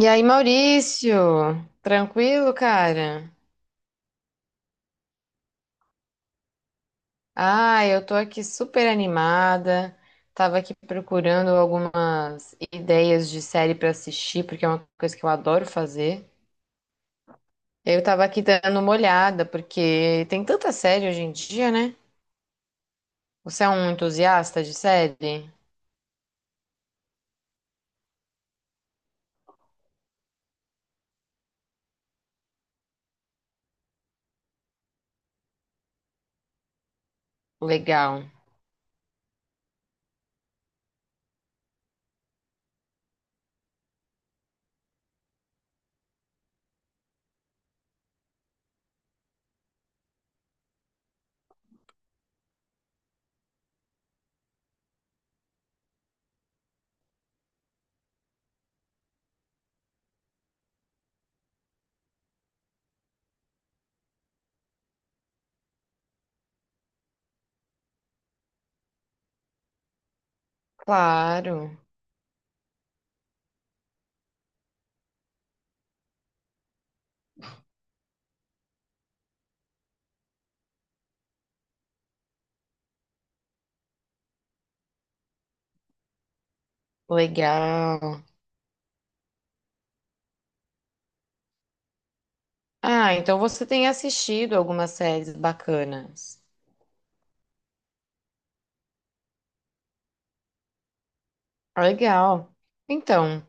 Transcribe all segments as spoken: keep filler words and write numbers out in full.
E aí, Maurício? Tranquilo, cara? Ah, eu tô aqui super animada. Tava aqui procurando algumas ideias de série pra assistir, porque é uma coisa que eu adoro fazer. Eu tava aqui dando uma olhada, porque tem tanta série hoje em dia, né? Você é um entusiasta de série? Legal. Claro, legal. Ah, então você tem assistido algumas séries bacanas. Legal. Então.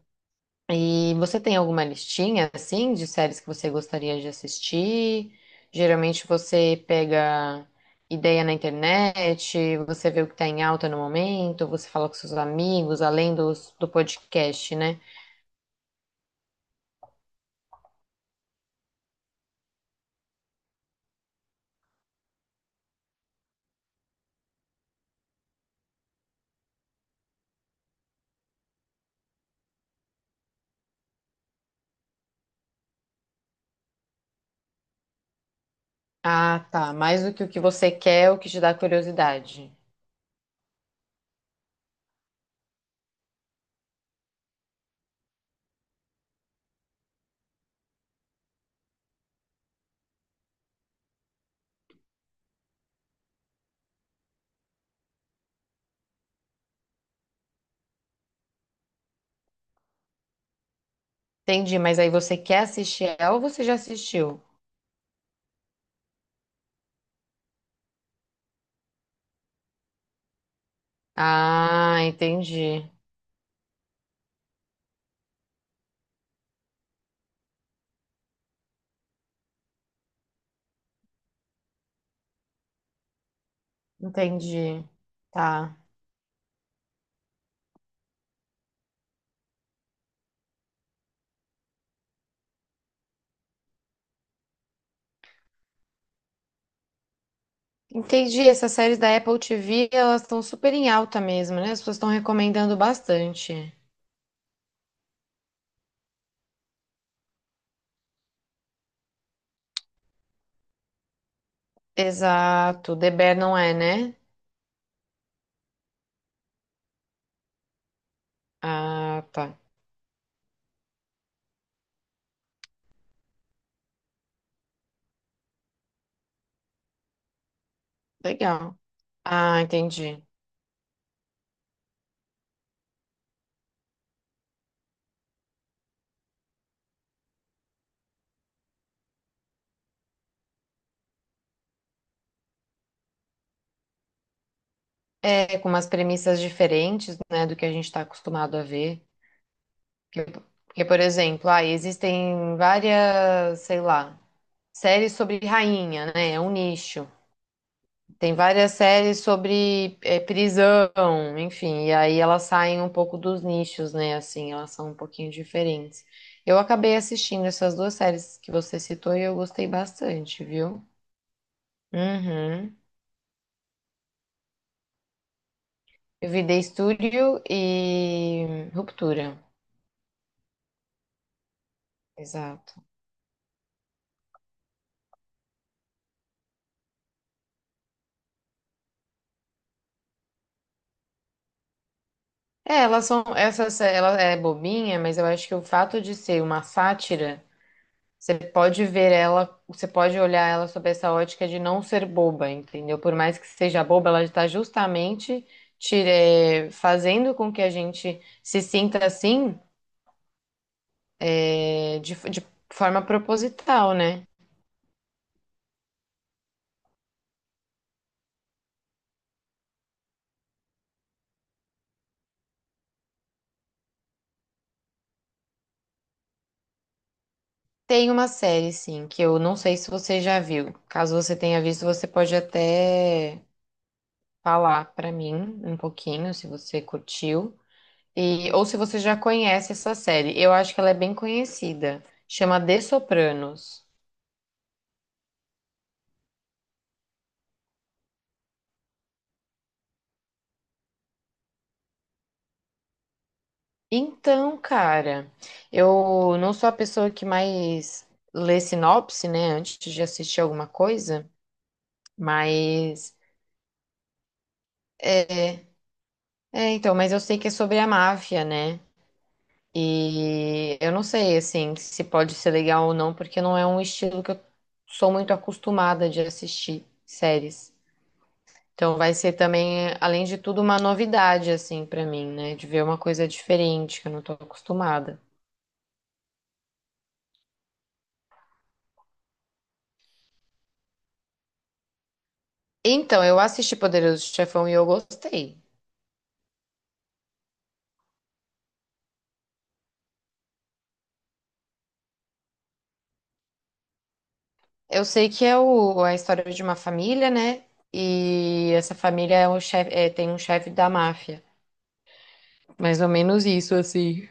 E você tem alguma listinha, assim, de séries que você gostaria de assistir? Geralmente você pega ideia na internet, você vê o que está em alta no momento, você fala com seus amigos, além dos, do podcast, né? Ah, tá. Mais do que o que você quer, o que te dá curiosidade. Entendi, mas aí você quer assistir ela ou você já assistiu? Ah, entendi. Entendi. Tá. Entendi, essas séries da Apple T V, elas estão super em alta mesmo, né? As pessoas estão recomendando bastante. Exato, The Bear não é, né? Ah, tá. Legal. Ah, entendi. É, com umas premissas diferentes, né, do que a gente está acostumado a ver. Porque, porque, por exemplo, ah, existem várias, sei lá, séries sobre rainha, né? É um nicho. Tem várias séries sobre é, prisão, enfim, e aí elas saem um pouco dos nichos, né? Assim, elas são um pouquinho diferentes. Eu acabei assistindo essas duas séries que você citou e eu gostei bastante, viu? Uhum. Eu vi The Studio e Ruptura. Exato. É, elas são, essas, ela é bobinha, mas eu acho que o fato de ser uma sátira. Você pode ver ela, você pode olhar ela sob essa ótica de não ser boba, entendeu? Por mais que seja boba, ela está justamente tire- eh, fazendo com que a gente se sinta assim, eh, de, de forma proposital, né? Tem uma série, sim, que eu não sei se você já viu. Caso você tenha visto, você pode até falar pra mim um pouquinho, se você curtiu. E, ou se você já conhece essa série. Eu acho que ela é bem conhecida. Chama The Sopranos. Então, cara, eu não sou a pessoa que mais lê sinopse, né, antes de assistir alguma coisa, mas é, é, então, mas eu sei que é sobre a máfia, né? E eu não sei assim se pode ser legal ou não, porque não é um estilo que eu sou muito acostumada de assistir séries. Então vai ser também, além de tudo, uma novidade assim pra mim, né, de ver uma coisa diferente que eu não tô acostumada. Então, eu assisti Poderoso Chefão e eu gostei. Eu sei que é o, a história de uma família, né? E essa família é o chefe, é, tem um chefe da máfia. Mais ou menos isso, assim.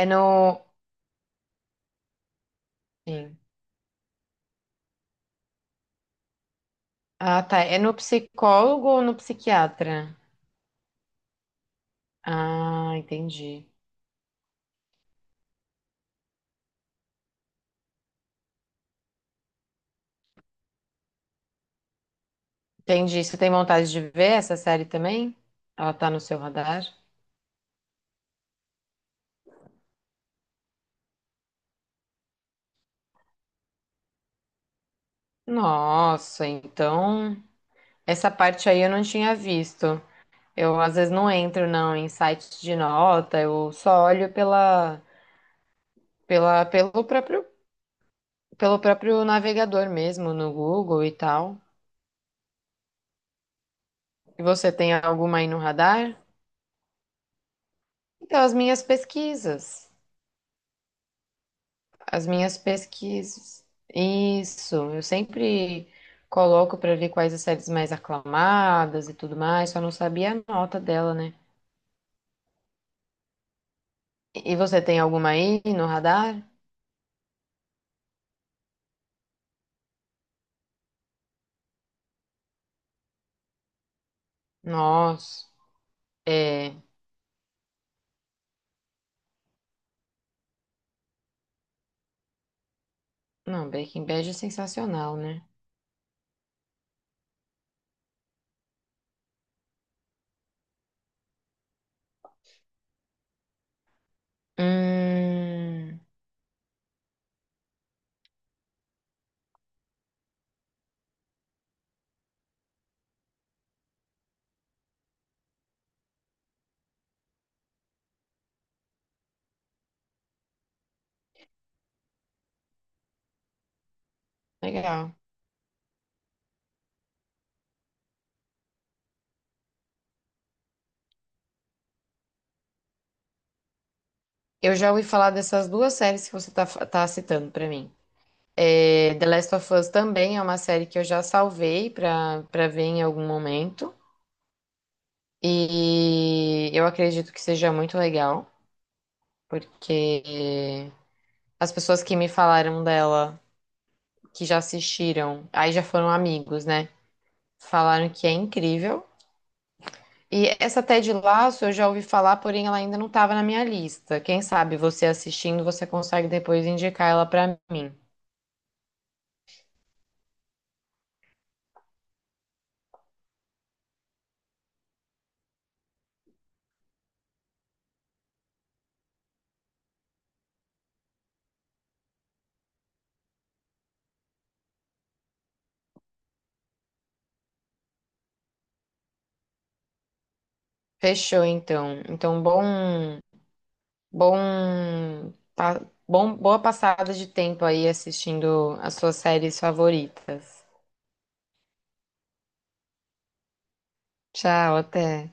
É no. Sim. Ah, tá. É no psicólogo ou no psiquiatra? Ah, entendi. Entendi. Você tem vontade de ver essa série também? Ela tá no seu radar? Nossa, então. Essa parte aí eu não tinha visto. Eu às vezes não entro não em sites de nota, eu só olho pela, pela, pelo próprio pelo próprio navegador mesmo, no Google e tal. E você tem alguma aí no radar? Então, as minhas pesquisas. As minhas pesquisas. Isso, eu sempre coloco pra ver quais as séries mais aclamadas e tudo mais, só não sabia a nota dela, né? E e você tem alguma aí no radar? Nossa, é. Não, Breaking Bad é sensacional, né? Hum, legal. Eu já ouvi falar dessas duas séries que você tá, fa- tá citando pra mim. É, The Last of Us também é uma série que eu já salvei pra, pra ver em algum momento. E eu acredito que seja muito legal, porque as pessoas que me falaram dela, que já assistiram, aí já foram amigos, né? Falaram que é incrível. E essa Ted Lasso eu já ouvi falar, porém ela ainda não estava na minha lista. Quem sabe você assistindo, você consegue depois indicar ela pra mim. Fechou, então. Então, bom Bom, pa- bom, boa passada de tempo aí assistindo as suas séries favoritas. Tchau, até.